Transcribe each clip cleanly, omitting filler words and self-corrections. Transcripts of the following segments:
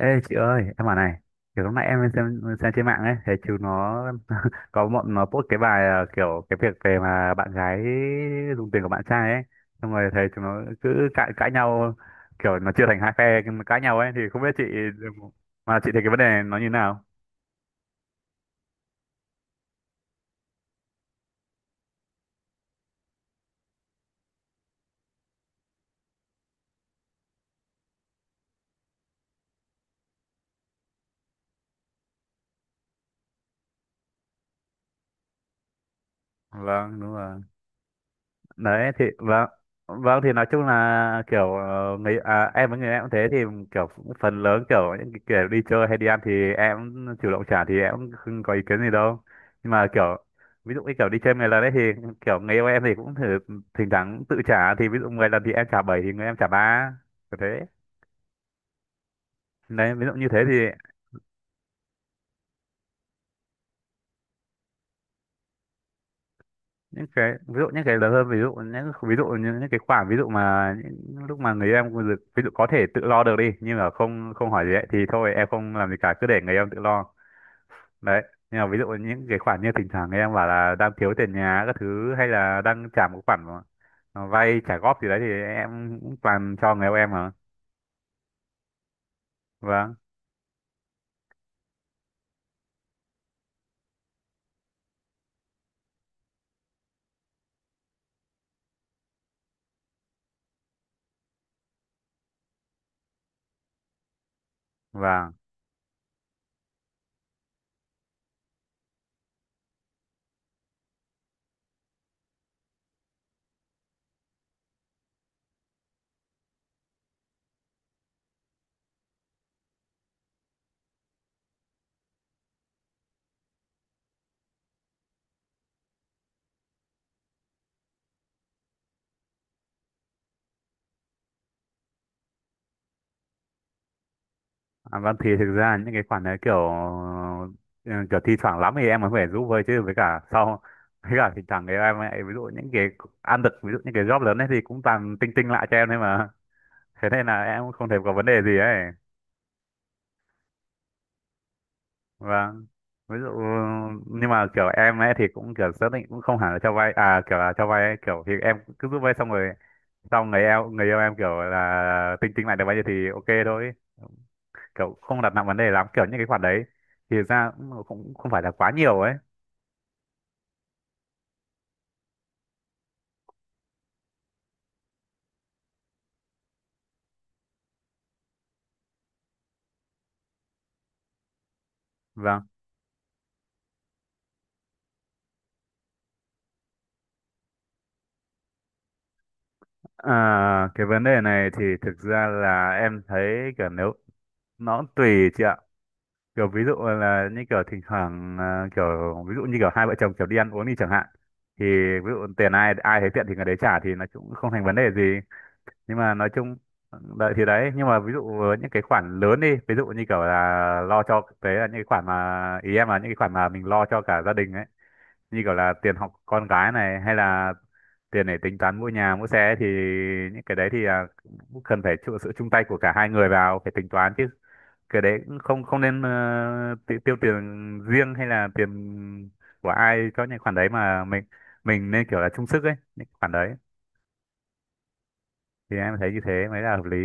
Ê chị ơi, em bảo này, kiểu lúc nãy em xem trên mạng ấy, thấy chú nó có bọn nó post cái bài kiểu cái việc về mà bạn gái dùng tiền của bạn trai ấy, xong rồi thấy chúng nó cứ cãi cãi nhau, kiểu nó chia thành hai phe nhưng mà cãi nhau ấy, thì không biết chị mà chị thấy cái vấn đề này nó như nào? Vâng, đúng rồi. Đấy thì vâng, vâng, thì nói chung là kiểu em với người em cũng thế thì kiểu phần lớn kiểu những cái kiểu đi chơi hay đi ăn thì em cũng chủ động trả thì em cũng không có ý kiến gì đâu, nhưng mà kiểu ví dụ như kiểu đi chơi 10 lần đấy thì kiểu người yêu em thì cũng thử thỉnh thoảng tự trả, thì ví dụ 10 lần thì em trả 7 thì người em trả ba, kiểu thế. Đấy ví dụ như thế thì những cái ví dụ những cái lớn hơn, ví dụ những ví dụ như những cái khoản ví dụ mà những lúc mà người em ví dụ có thể tự lo được đi nhưng mà không không hỏi gì ấy, thì thôi em không làm gì cả, cứ để người em tự lo. Đấy, nhưng mà ví dụ những cái khoản như thỉnh thoảng người em bảo là đang thiếu tiền nhà các thứ hay là đang trả một khoản mà vay trả góp gì đấy thì em cũng toàn cho người yêu em mà. Vâng. Và à, vâng, thì thực ra những cái khoản đấy kiểu ừ, kiểu thi thoảng lắm thì em mới phải giúp vơi chứ, với cả sau với cả thỉnh thoảng thì em lại ví dụ những cái ăn được, ví dụ những cái job lớn ấy thì cũng toàn tinh tinh lại cho em đấy mà. Thế nên là em cũng không thể có vấn đề gì ấy. Vâng, ví dụ nhưng mà kiểu em ấy thì cũng kiểu xác định cũng không hẳn là cho vay à, kiểu là cho vay ấy, kiểu thì em cứ giúp vay xong rồi xong người yêu em kiểu là tinh tinh lại được bao nhiêu thì ok thôi, kiểu không đặt nặng vấn đề lắm kiểu những cái khoản đấy, thì ra cũng cũng không phải là quá nhiều ấy. Vâng. Ờ, cái vấn đề này thì thực ra là em thấy kiểu nếu nó cũng tùy chị ạ, kiểu ví dụ là như kiểu thỉnh thoảng kiểu ví dụ như kiểu hai vợ chồng kiểu đi ăn uống đi chẳng hạn, thì ví dụ tiền ai ai thấy tiện thì người đấy trả thì nó cũng không thành vấn đề gì. Nhưng mà nói chung đấy thì đấy, nhưng mà ví dụ với những cái khoản lớn đi, ví dụ như kiểu là lo cho đấy, là những cái khoản mà ý em là những cái khoản mà mình lo cho cả gia đình ấy, như kiểu là tiền học con gái này, hay là tiền để tính toán mua nhà mua xe ấy, thì những cái đấy thì cũng cần phải chịu sự chung tay của cả hai người vào phải tính toán chứ. Cái đấy cũng không không nên tiêu tiền riêng hay là tiền của ai cho những khoản đấy mà mình nên kiểu là chung sức ấy, những khoản đấy thì em thấy như thế mới là hợp lý.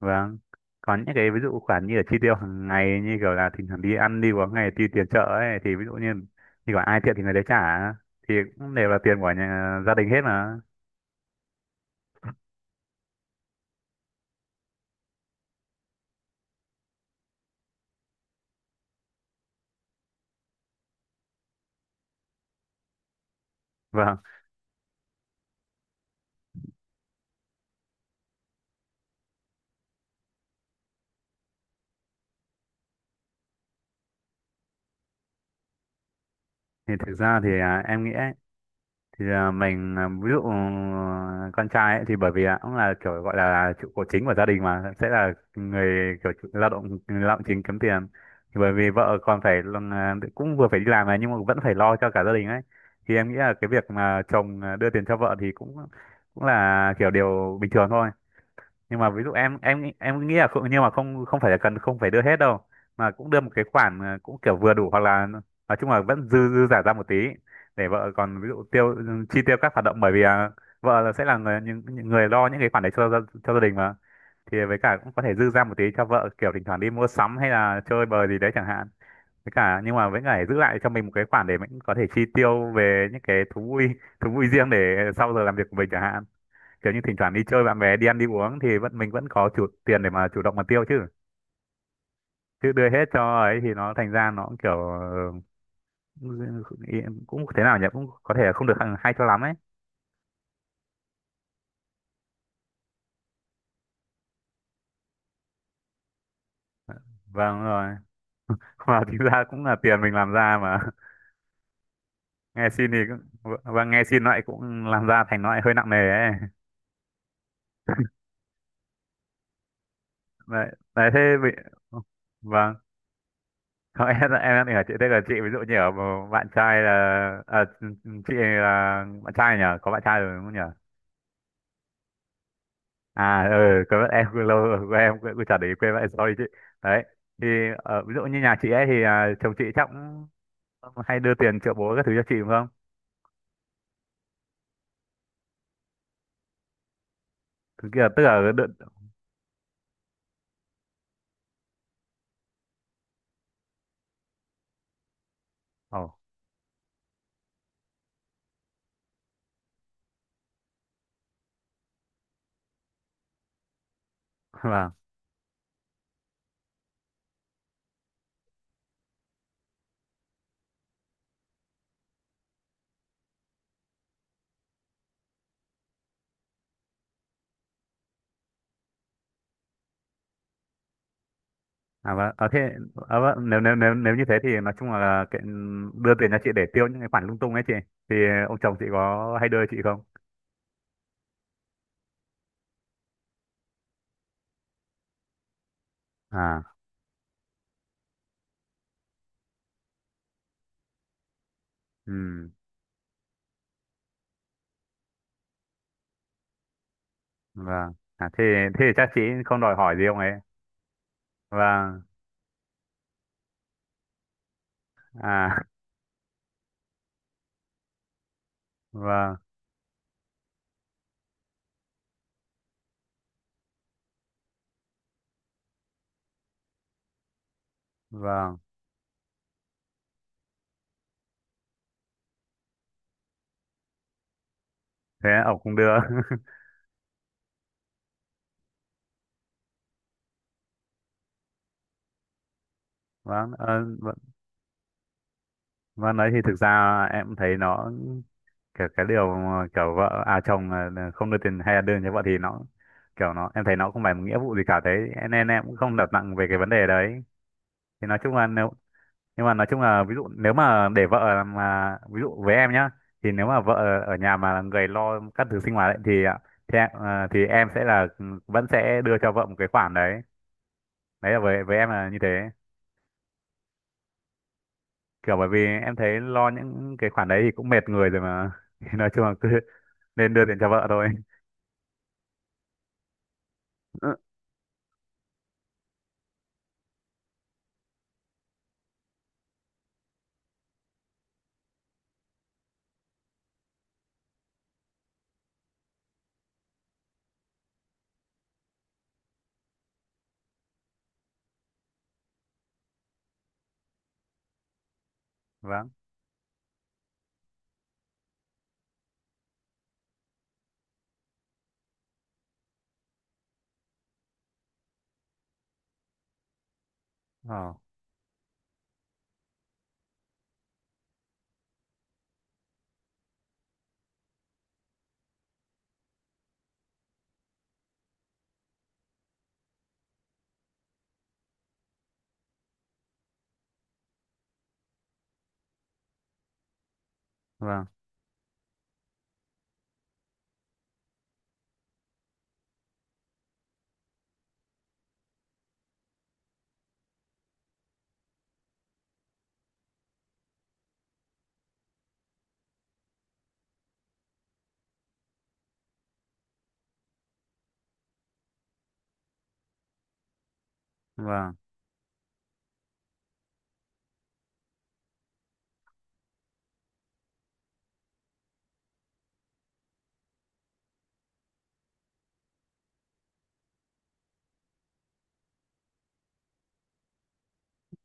Vâng. Có những cái ví dụ khoản như là chi tiêu hàng ngày, như kiểu là thỉnh thoảng đi ăn đi uống hay tiêu tiền chợ ấy, thì ví dụ như như gọi ai thiện thì người đấy trả thì cũng đều là tiền của nhà, gia đình hết mà. Vâng, thì thực ra thì em nghĩ thì ví dụ con trai ấy, thì bởi vì cũng là kiểu gọi là trụ cột chính của gia đình, mà sẽ là người kiểu lao động chính kiếm tiền. Thì bởi vì vợ còn phải cũng vừa phải đi làm này nhưng mà vẫn phải lo cho cả gia đình ấy, thì em nghĩ là cái việc mà chồng đưa tiền cho vợ thì cũng cũng là kiểu điều bình thường thôi. Nhưng mà ví dụ em nghĩ là không, nhưng mà không không phải là cần, không phải đưa hết đâu, mà cũng đưa một cái khoản cũng kiểu vừa đủ, hoặc là nói chung là vẫn dư dư giả ra một tí để vợ còn ví dụ tiêu chi tiêu các hoạt động, bởi vì vợ là sẽ là người những người lo những cái khoản đấy cho cho gia đình mà. Thì với cả cũng có thể dư ra một tí cho vợ kiểu thỉnh thoảng đi mua sắm hay là chơi bời gì đấy chẳng hạn, với cả nhưng mà với cả giữ lại cho mình một cái khoản để mình có thể chi tiêu về những cái thú vui riêng để sau giờ làm việc của mình chẳng hạn, kiểu như thỉnh thoảng đi chơi bạn bè đi ăn đi uống thì vẫn mình vẫn có chủ tiền để mà chủ động mà tiêu chứ chứ đưa hết cho ấy thì nó thành ra nó cũng kiểu ừ, cũng thế nào nhỉ, cũng có thể không được hay cho lắm ấy. Vâng rồi. Mà chính ra cũng là tiền mình làm ra mà. Nghe xin thì cũng, và nghe xin lại cũng làm ra, thành nó lại hơi nặng nề ấy. Đấy, đấy thế bị vâng. Không, em đang ở chị, thế là chị ví dụ như ở bạn trai là à, chị là bạn trai nhỉ, có bạn trai rồi đúng không nhỉ? À ừ, quên mất, em quên lâu rồi, quên em quên, quên trả để ý quên vậy, sorry chị. Đấy. Thì ví dụ như nhà chị ấy thì chồng chị chắc cũng hay đưa tiền triệu bố các thứ cho chị đúng không? Thực kia tức là đợt ồ, vâng. À vâng, à, thế à, vâng. Nếu, nếu nếu nếu như thế thì nói chung là cái, đưa tiền cho chị để tiêu những cái khoản lung tung ấy chị. Thì ông chồng chị có hay đưa chị không? À, ừ, vâng. À, thế thế thì chắc chị không đòi hỏi gì ông ấy. Vâng. À, vâng, vâng. Thế ông cũng đưa. Vâng. Ờ, Vâng, đấy thì thực ra em thấy nó kiểu cái điều mà kiểu vợ chồng là không đưa tiền hay là đưa cho vợ thì nó kiểu nó em thấy nó không phải một nghĩa vụ gì cả thế, nên em cũng không đặt nặng về cái vấn đề đấy, thì nói chung là nếu, nhưng mà nói chung là ví dụ nếu mà để vợ mà ví dụ với em nhá, thì nếu mà vợ ở nhà mà là người lo các thứ sinh hoạt ấy, thì ạ, thì, thì em sẽ là vẫn sẽ đưa cho vợ một cái khoản đấy, đấy là với em là như thế, kiểu bởi vì em thấy lo những cái khoản đấy thì cũng mệt người rồi mà. Thì nói chung là cứ nên đưa tiền cho vợ thôi. Vâng, ờ vâng, vâng,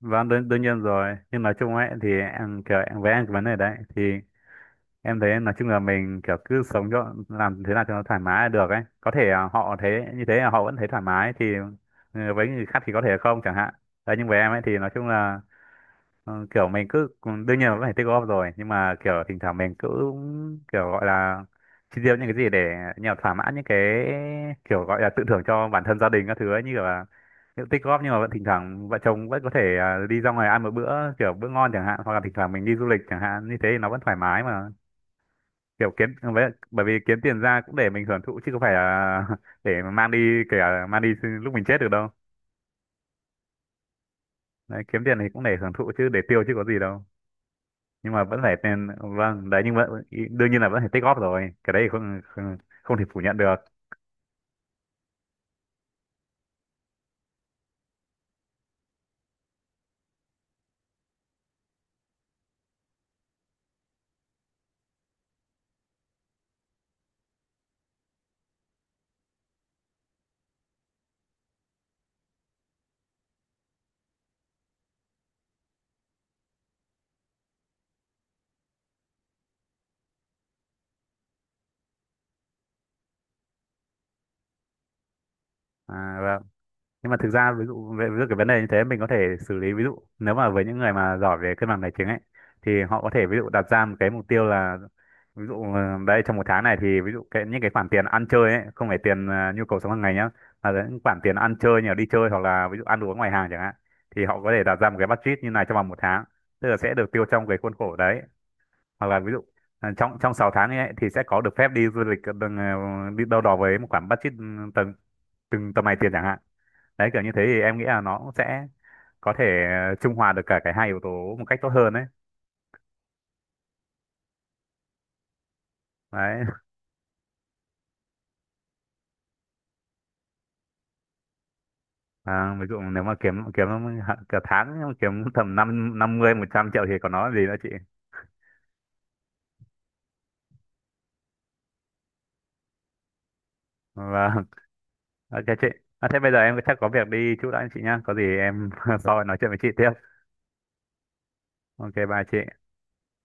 vâng, đương nhiên rồi, nhưng nói chung ấy thì em kiểu em với em cái vấn đề đấy thì em thấy nói chung là mình kiểu cứ sống cho làm thế nào cho nó thoải mái là được ấy, có thể họ thế như thế là họ vẫn thấy thoải mái thì ừ, với người khác thì có thể không chẳng hạn. Đấy nhưng với em ấy thì nói chung là kiểu mình cứ đương nhiên là vẫn phải tích góp rồi, nhưng mà kiểu thỉnh thoảng mình cứ kiểu gọi là chi tiêu những cái gì để như thỏa mãn những cái kiểu gọi là tự thưởng cho bản thân gia đình các thứ ấy, như kiểu là kiểu tích góp nhưng mà vẫn thỉnh thoảng vợ chồng vẫn có thể đi ra ngoài ăn một bữa kiểu bữa ngon chẳng hạn, hoặc là thỉnh thoảng mình đi du lịch chẳng hạn, như thế thì nó vẫn thoải mái mà, kiểu kiếm bởi vì kiếm tiền ra cũng để mình hưởng thụ chứ không phải là để mà mang đi, kể cả mang đi lúc mình chết được đâu. Đấy, kiếm tiền thì cũng để hưởng thụ chứ để tiêu chứ có gì đâu, nhưng mà vẫn phải tên vâng đấy, nhưng mà đương nhiên là vẫn phải tích góp rồi, cái đấy thì không không, không thể phủ nhận được. Vâng. Nhưng mà thực ra ví dụ về ví cái vấn đề như thế mình có thể xử lý, ví dụ nếu mà với những người mà giỏi về cân bằng tài chính ấy thì họ có thể ví dụ đặt ra một cái mục tiêu là, ví dụ đấy trong một tháng này thì ví dụ cái những cái khoản tiền ăn chơi ấy, không phải tiền nhu cầu sống hàng ngày nhá, mà là những khoản tiền ăn chơi như là đi chơi hoặc là ví dụ ăn uống ngoài hàng chẳng hạn, thì họ có thể đặt ra một cái budget như này trong vòng một tháng, tức là sẽ được tiêu trong cái khuôn khổ đấy, hoặc là ví dụ trong trong 6 tháng ấy thì sẽ có được phép đi du lịch ờ, đừng, ờ, đi đâu đó với một khoản budget từng từng tầm này tiền chẳng hạn. Đấy kiểu như thế thì em nghĩ là nó cũng sẽ có thể trung hòa được cả cái hai yếu tố một cách tốt hơn đấy. Đấy ví dụ nếu mà kiếm kiếm hạn- cả tháng mà kiếm tầm 5, 50, 100 triệu thì còn nói gì nữa chị. Vâng. Ok chị, à, thế bây giờ em chắc có việc đi chút đã chị nhá, có gì em sau nói chuyện với chị tiếp. Ok bye chị.